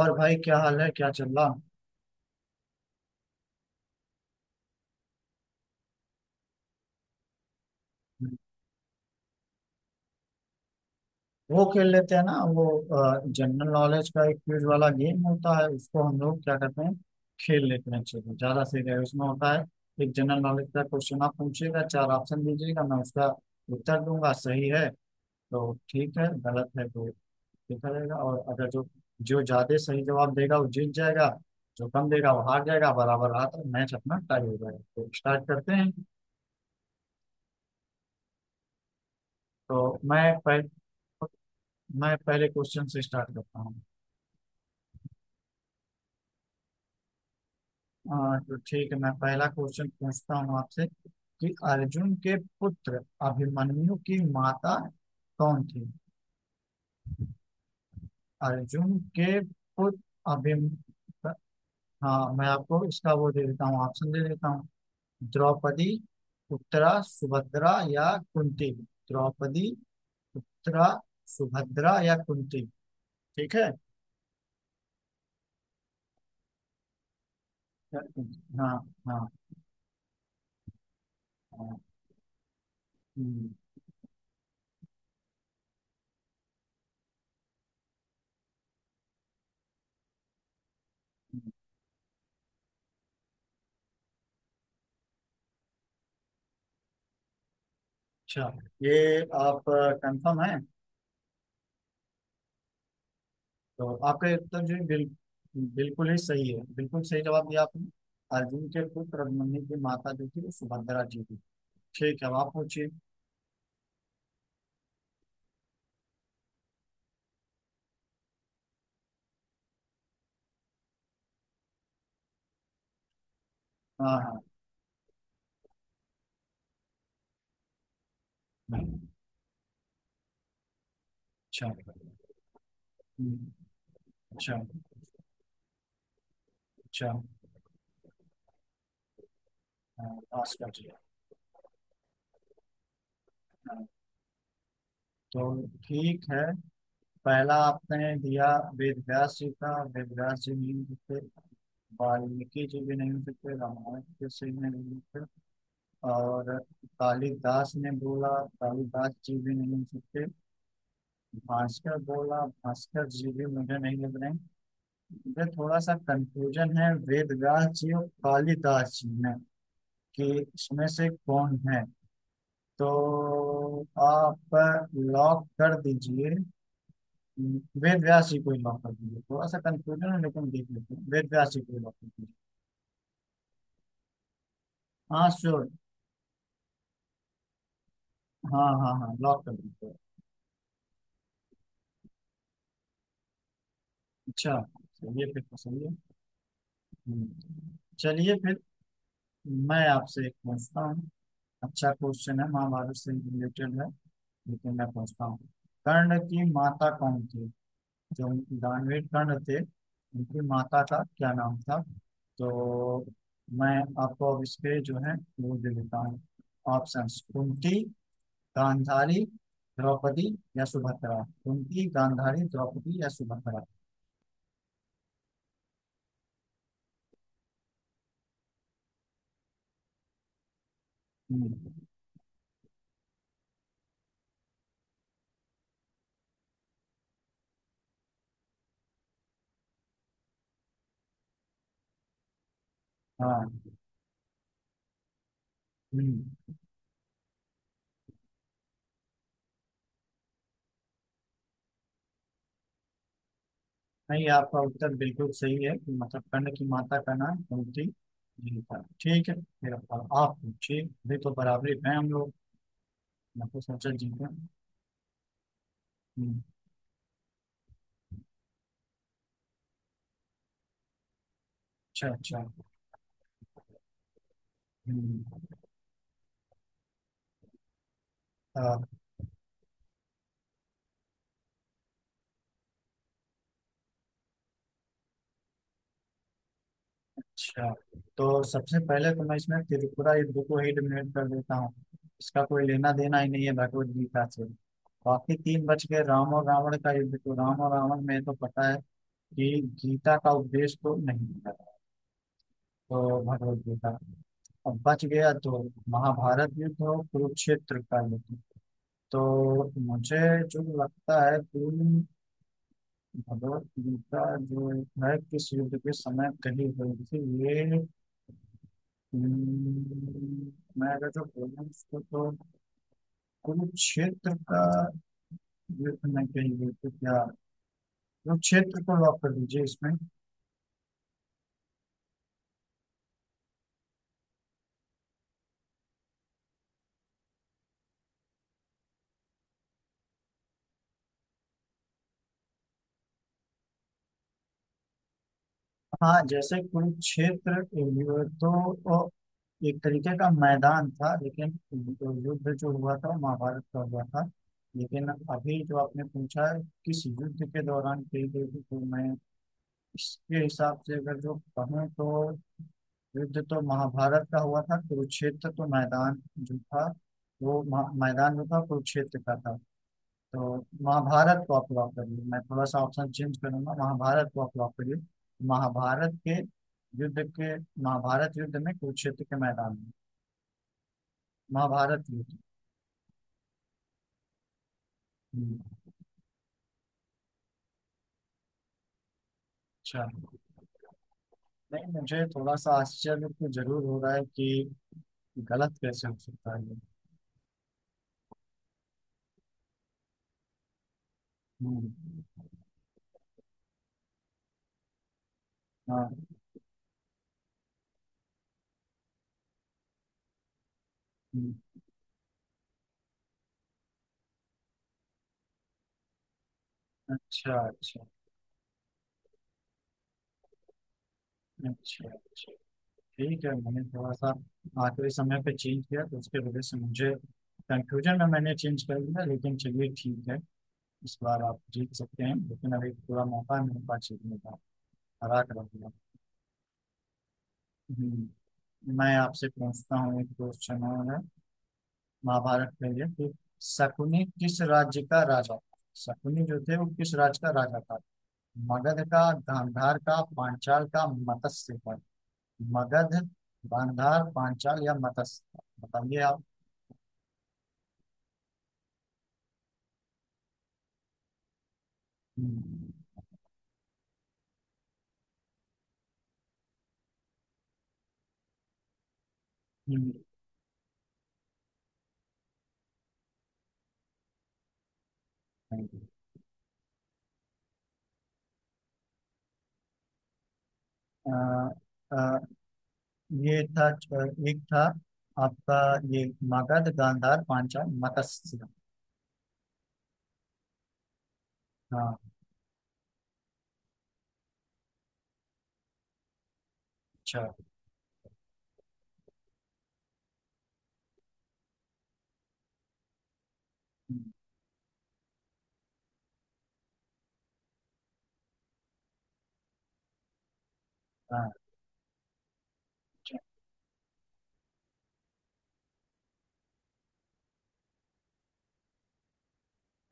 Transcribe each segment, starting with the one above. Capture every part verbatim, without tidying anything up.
और भाई क्या हाल है, क्या चल रहा। वो खेल लेते हैं ना। वो जनरल नॉलेज का एक क्विज वाला गेम होता है, उसको हम लोग क्या करते हैं? खेल लेते हैं, चलो ज्यादा सही रहेगा। उसमें होता है एक जनरल नॉलेज का क्वेश्चन। आप पूछिएगा, चार ऑप्शन दीजिएगा, मैं उसका उत्तर दूंगा। सही है तो ठीक है, गलत है तो देखा जाएगा। और अगर जो जो ज्यादा सही जवाब देगा वो जीत जाएगा, जो कम देगा वो हार जाएगा। बराबर रहा तो मैच अपना टाई हो जाएगा। तो स्टार्ट करते हैं। तो मैं पहले मैं पहले क्वेश्चन से स्टार्ट करता हूँ। हाँ, तो ठीक है, मैं पहला क्वेश्चन पूछता हूँ आपसे कि अर्जुन के पुत्र अभिमन्यु की माता कौन थी? अर्जुन के पुत्र अभिम हाँ, मैं आपको इसका वो दे देता हूँ, ऑप्शन दे देता हूँ। द्रौपदी, उत्तरा, सुभद्रा या कुंती। द्रौपदी, उत्तरा, सुभद्रा या कुंती। ठीक है। हाँ। हाँ। हाँ। हम्म, हम्म, अच्छा, ये आप कंफर्म है? तो आपका उत्तर जो है बिल, बिल्कुल ही सही है। बिल्कुल सही जवाब दिया आपने। अर्जुन के पुत्र अभिमन्यु की माता जो थी वो सुभद्रा जी थी। ठीक है, अब आप पूछिए। हाँ। हाँ। हाँ। अच्छा। हम्म, अच्छा। अच्छा। हाँ, पास कर दिया। हाँ, तो ठीक है। पहला आपने दिया वेद व्यास जी का। वेद व्यास जी नहीं हो सकते, वाल्मीकि जी भी नहीं हो सकते, रामायण जी से भी नहीं हो सकते। और कालिदास ने बोला, कालिदास जी भी नहीं हो सकते। भास्कर बोला, भास्कर जी भी मुझे नहीं लग रहे हैं। इधर थोड़ा सा कंफ्यूजन है वेदव्यास जी और कालिदास जी में, कि इसमें से कौन है। तो आप लॉक कर दीजिए, वेदव्यास जी को ही लॉक कर दीजिए। थोड़ा सा कंफ्यूजन है लेकिन देख लेते हैं, वेदव्यास जी को ही लॉक कर दीजिए। हाँ, श्योर। हाँ, हाँ, हाँ, लॉक कर दीजिए। अच्छा, चलिए फिर तो सही है। हम्म। चलिए फिर, मैं आपसे एक पूछता हूँ। अच्छा क्वेश्चन है, महाभारत से रिलेटेड है। लेकिन मैं पूछता हूँ, कर्ण की माता कौन थी? जो उनकी, दानवीर कर्ण थे, उनकी माता का क्या नाम था? तो मैं आपको अब इसके जो है वो दे देता हूँ ऑप्शन। कुंती, गांधारी, द्रौपदी या सुभद्रा। कुंती, गांधारी, द्रौपदी या सुभद्रा। हम्म, हाँ। हम्म। नहीं, आपका उत्तर बिल्कुल सही है कि, मतलब कर्ण की माता का नाम कुंती जी था। ठीक है, फिर आप आप पूछिए, अभी तो बराबरी में हैं हम लोग। आपको सोचा, ठीक है। हम्म, अच्छा। अच्छा। हम्म, अ, अच्छा। तो सबसे पहले तो मैं इसमें त्रिपुरा युद्ध को ही एलिमिनेट कर देता हूँ, इसका कोई लेना देना ही नहीं है भगवत गीता से। बाकी तीन बच गए। राम और रावण का युद्ध, तो राम और रावण में तो पता है कि गीता का उपदेश तो नहीं मिला। तो भगवत गीता अब बच गया तो महाभारत युद्ध और कुरुक्षेत्र का युद्ध। तो मुझे जो लगता है, कुल भगवत गीता जो है किस युद्ध के समय कही गई थी ये, हम्म, मैं अगर जो बोलूँ उसको तो कुरुक्षेत्र का युद्ध में कही गई थी क्या? कुरुक्षेत्र को लॉक कर दीजिए इसमें। हाँ, जैसे कुरुक्षेत्र युद्ध तो एक तरीके का मैदान था लेकिन युद्ध जो हुआ था वो महाभारत का हुआ था। लेकिन अभी जो आपने पूछा है, किस युद्ध के दौरान कही गई थी, तो मैं इसके हिसाब से अगर जो कहें तो, युद्ध तो महाभारत का हुआ था, कुरुक्षेत्र तो मैदान जो था, वो महा- मैदान जो था कुरुक्षेत्र का था। तो महाभारत को आप लॉक करिए, मैं थोड़ा सा ऑप्शन चेंज करूंगा, महाभारत को आप लॉक करिए। महाभारत के युद्ध के, महाभारत युद्ध में, कुरुक्षेत्र के मैदान में महाभारत युद्ध। हम्म, अच्छा, नहीं, मुझे थोड़ा सा आश्चर्य तो जरूर हो रहा है कि गलत कैसे हो सकता है ये। हम्म। हाँ। हम्म, अच्छा, अच्छा, अच्छा, अच्छा, ठीक है, मैंने थोड़ा सा आखिरी समय पे चेंज किया तो उसके वजह से मुझे, कंफ्यूजन में मैंने चेंज कर दिया, लेकिन चलिए ठीक है। इस बार आप जीत सकते हैं, लेकिन अभी पूरा मौका मेरे पास जीतने का, हरा कर दिया। हम्म, मैं आपसे पूछता हूँ एक क्वेश्चन है महाभारत के लिए, कि शकुनी किस राज्य का राजा था? शकुनी जो थे वो किस राज्य का राजा था? मगध का, गांधार का, पांचाल का, मत्स्य का। मगध, गांधार, पांचाल या मत्स्य, बताइए आप। हम्म, हम्म, thank you. अ, अ, ये था, एक था आपका ये, मगध, गांधार, पांचाल, मत्स्य। हाँ। अच्छा। हम्म, हाँ,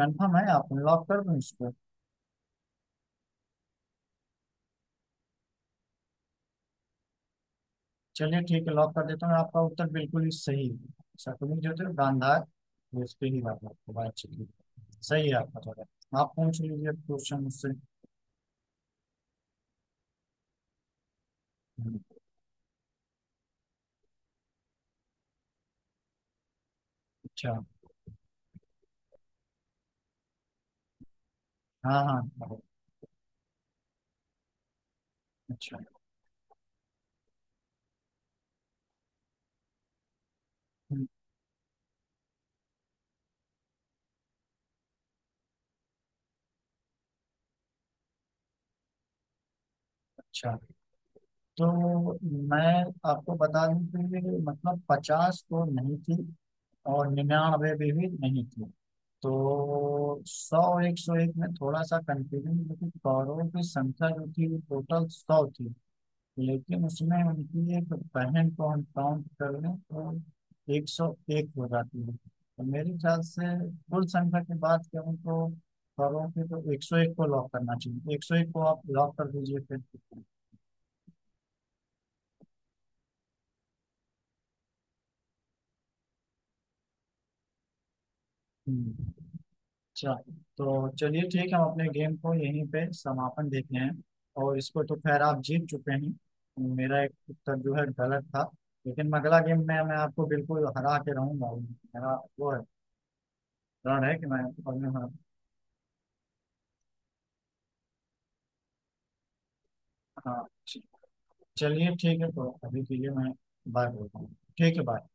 कंफर्म है? आप लॉक कर दूं इसको? चलिए ठीक है, लॉक कर देता हूँ। आपका उत्तर बिल्कुल ही सही है, शकुनी जो थे गांधार। वो उस पे ही बात, आपको बात, चलिए सही है आपका जवाब। आप पूछ लीजिए क्वेश्चन मुझसे। हम्म, अच्छा। हाँ, हाँ। अच्छा, अच्छा, तो मैं आपको बता दूं कि, मतलब पचास तो नहीं थी, और निन्यानवे भी, भी नहीं थी। तो सौ, एक सौ एक में थोड़ा सा कंफ्यूजन, लेकिन कौरवों की संख्या जो थी वो टोटल सौ थी। लेकिन उसमें उनकी एक बहन को हम काउंट कर लें तो एक सौ एक हो जाती है। तो मेरे ख्याल से कुल संख्या की बात करूँ तो कौरवों की, तो एक सौ एक को लॉक करना चाहिए, एक सौ एक को आप लॉक कर दीजिए फिर। हम्म। अच्छा, तो चलिए ठीक है, हम अपने गेम को यहीं पे समापन देते हैं। और इसको तो खैर आप जीत चुके हैं, मेरा एक उत्तर जो है गलत था। लेकिन अगला गेम में मैं आपको बिल्कुल हरा के रहूंगा, मेरा वो है, रण है, कि मैं अपने, हाँ, चलिए ठीक है। तो अभी के लिए मैं बाय बोलता हूँ। ठीक है, बाय।